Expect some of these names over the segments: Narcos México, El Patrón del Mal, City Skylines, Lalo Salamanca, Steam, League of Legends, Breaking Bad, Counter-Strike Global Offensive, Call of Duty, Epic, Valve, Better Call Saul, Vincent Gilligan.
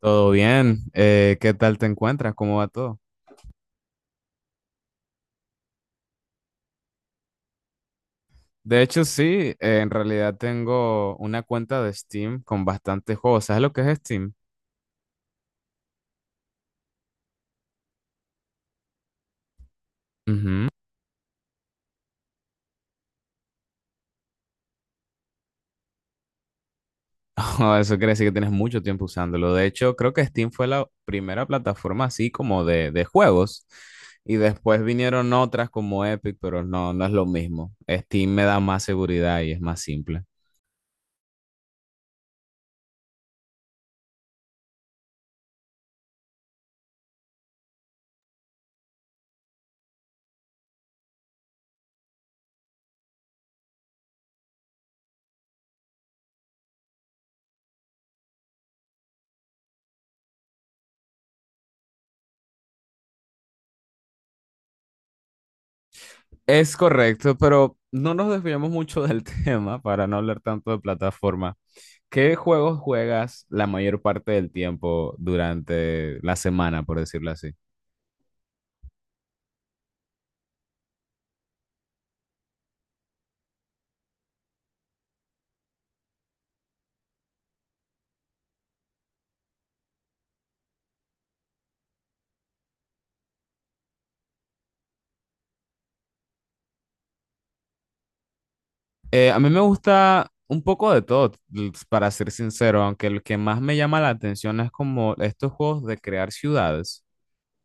Todo bien, ¿qué tal te encuentras? ¿Cómo va todo? De hecho, sí, en realidad tengo una cuenta de Steam con bastantes juegos. ¿Sabes lo que es Steam? Ujú. Eso quiere decir que tienes mucho tiempo usándolo. De hecho, creo que Steam fue la primera plataforma así como de juegos. Y después vinieron otras como Epic, pero no, no es lo mismo. Steam me da más seguridad y es más simple. Es correcto, pero no nos desviamos mucho del tema para no hablar tanto de plataforma. ¿Qué juegos juegas la mayor parte del tiempo durante la semana, por decirlo así? A mí me gusta un poco de todo, para ser sincero, aunque el que más me llama la atención es como estos juegos de crear ciudades.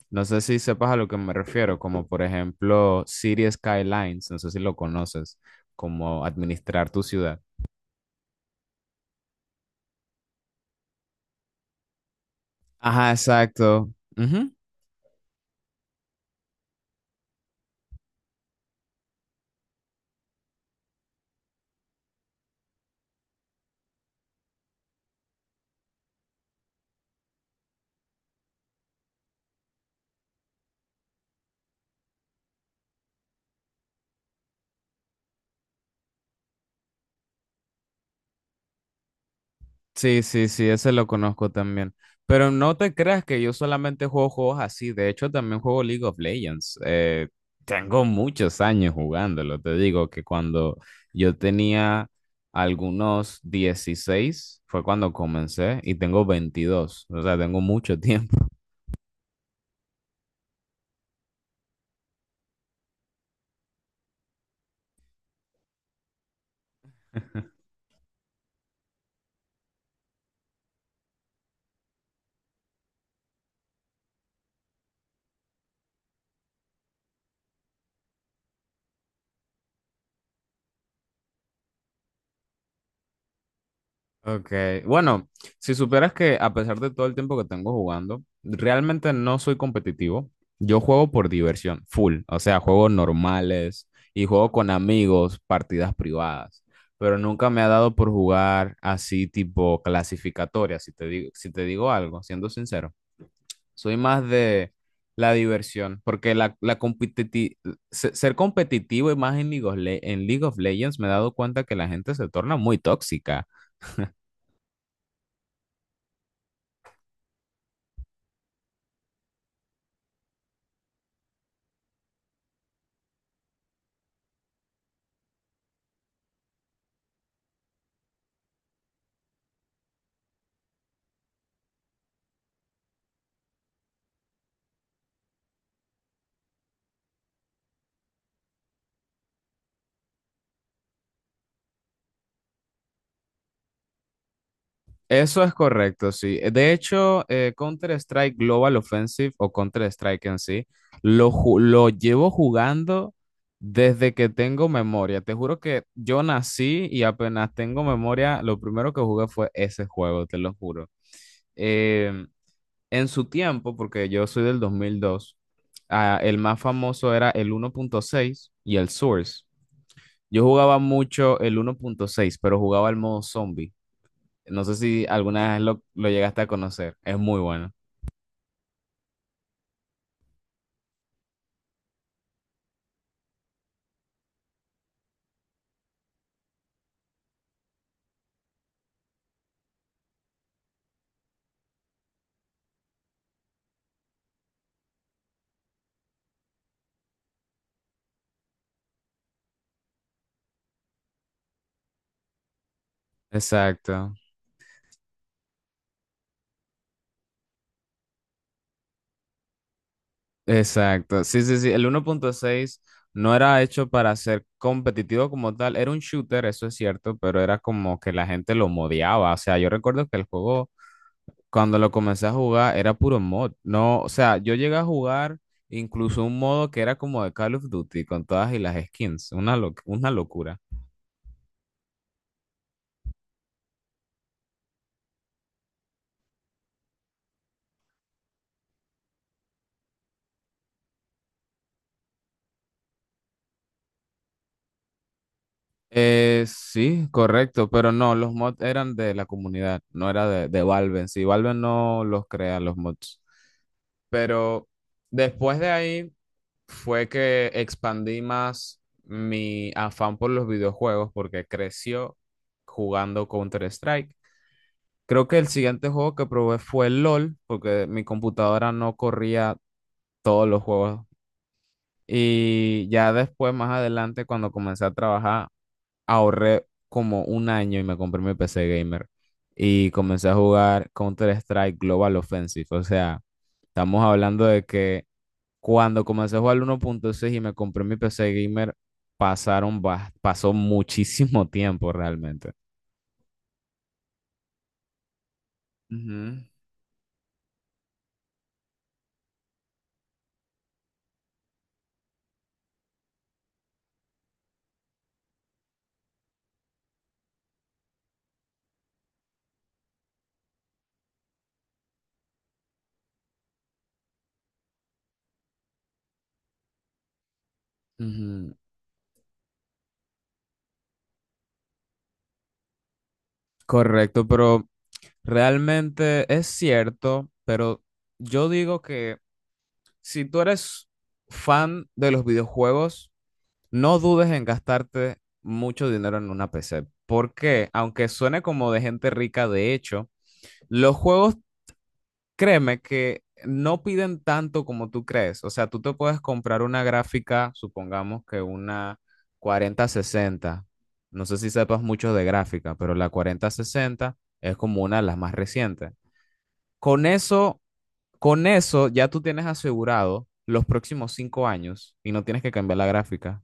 No sé si sepas a lo que me refiero, como por ejemplo City Skylines, no sé si lo conoces, como administrar tu ciudad. Ajá, exacto. Ujú. Sí, sí, sí, ese lo conozco también. Pero no te creas que yo solamente juego juegos así. De hecho, también juego League of Legends. Tengo muchos años jugándolo. Te digo que cuando yo tenía algunos 16 fue cuando comencé y tengo 22. O sea, tengo mucho tiempo. Ok, bueno, si supieras que a pesar de todo el tiempo que tengo jugando, realmente no soy competitivo. Yo juego por diversión, full, o sea, juego normales y juego con amigos, partidas privadas, pero nunca me ha dado por jugar así tipo clasificatoria, si te digo algo, siendo sincero. Soy más de la diversión, porque ser competitivo y más en League of Legends me he dado cuenta que la gente se torna muy tóxica. Eso es correcto, sí. De hecho, Counter-Strike Global Offensive o Counter-Strike en sí, lo llevo jugando desde que tengo memoria. Te juro que yo nací y apenas tengo memoria, lo primero que jugué fue ese juego, te lo juro. Em, en su tiempo, porque yo soy del 2002, el más famoso era el 1.6 y el Source. Yo jugaba mucho el 1.6, pero jugaba el modo zombie. No sé si alguna vez lo llegaste a conocer. Es muy bueno. Exacto, exacto. Sí, sí, sí. El 1.6 no era hecho para ser competitivo como tal. Era un shooter, eso es cierto, pero era como que la gente lo modiaba. O sea, yo recuerdo que el juego, cuando lo comencé a jugar, era puro mod. No, o sea, yo llegué a jugar incluso un modo que era como de Call of Duty con todas y las skins. Una, una locura. Sí, correcto, pero no, los mods eran de la comunidad, no era de Valve. En sí, Valve no los crea los mods. Pero después de ahí fue que expandí más mi afán por los videojuegos porque creció jugando Counter-Strike. Creo que el siguiente juego que probé fue LOL, porque mi computadora no corría todos los juegos. Y ya después, más adelante, cuando comencé a trabajar, ahorré como un año y me compré mi PC gamer y comencé a jugar Counter-Strike Global Offensive. O sea, estamos hablando de que cuando comencé a jugar el 1.6 y me compré mi PC gamer, pasaron, pasó muchísimo tiempo realmente. Ujú, ujú. Correcto, pero realmente es cierto, pero yo digo que si tú eres fan de los videojuegos, no dudes en gastarte mucho dinero en una PC, porque aunque suene como de gente rica, de hecho, los juegos, créeme que no piden tanto como tú crees. O sea, tú te puedes comprar una gráfica, supongamos que una 4060. No sé si sepas mucho de gráfica, pero la 4060 es como una de las más recientes. Con eso, con eso ya tú tienes asegurado los próximos 5 años y no tienes que cambiar la gráfica.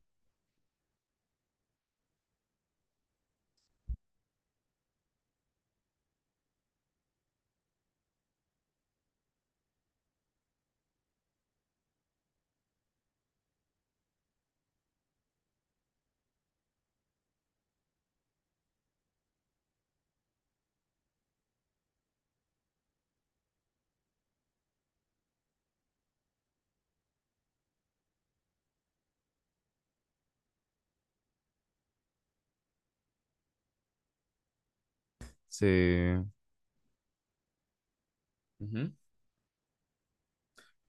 Sí. Ujú.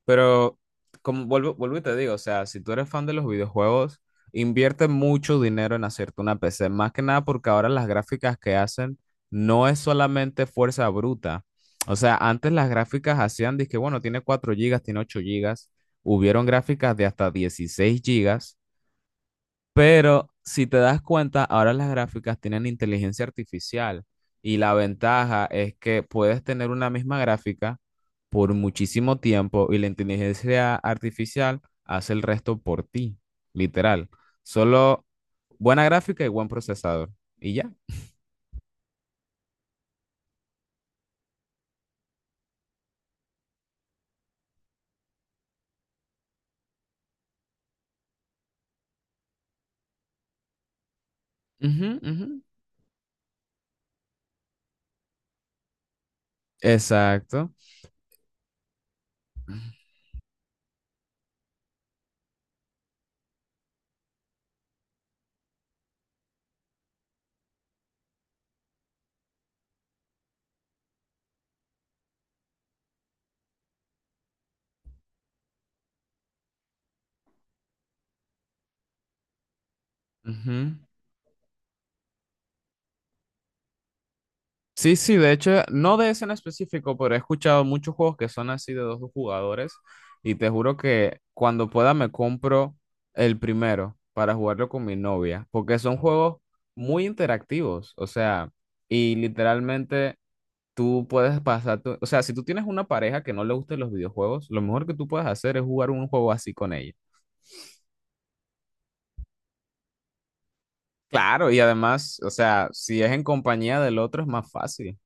Pero, como vuelvo y te digo, o sea, si tú eres fan de los videojuegos, invierte mucho dinero en hacerte una PC, más que nada porque ahora las gráficas que hacen no es solamente fuerza bruta. O sea, antes las gráficas hacían, dizque, bueno, tiene 4 gigas, tiene 8 gigas, hubieron gráficas de hasta 16 gigas, pero si te das cuenta, ahora las gráficas tienen inteligencia artificial y la ventaja es que puedes tener una misma gráfica por muchísimo tiempo y la inteligencia artificial hace el resto por ti, literal. Solo buena gráfica y buen procesador. Y ya. Ujú, ujú. Exacto. Ujú. Sí, sí, de hecho, no de ese en específico, pero he escuchado muchos juegos que son así de dos jugadores y te juro que cuando pueda me compro el primero para jugarlo con mi novia, porque son juegos muy interactivos, o sea, y literalmente tú puedes pasar, o sea, si tú tienes una pareja que no le gusten los videojuegos, lo mejor que tú puedes hacer es jugar un juego así con ella. Claro, y además, o sea, si es en compañía del otro es más fácil.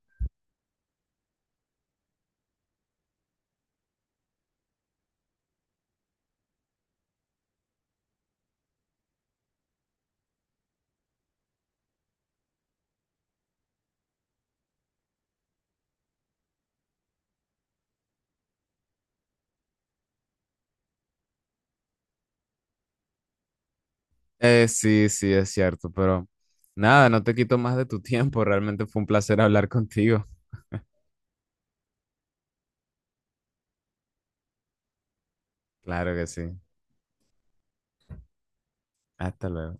Sí, sí, es cierto, pero nada, no te quito más de tu tiempo. Realmente fue un placer hablar contigo. Claro que sí. Hasta luego.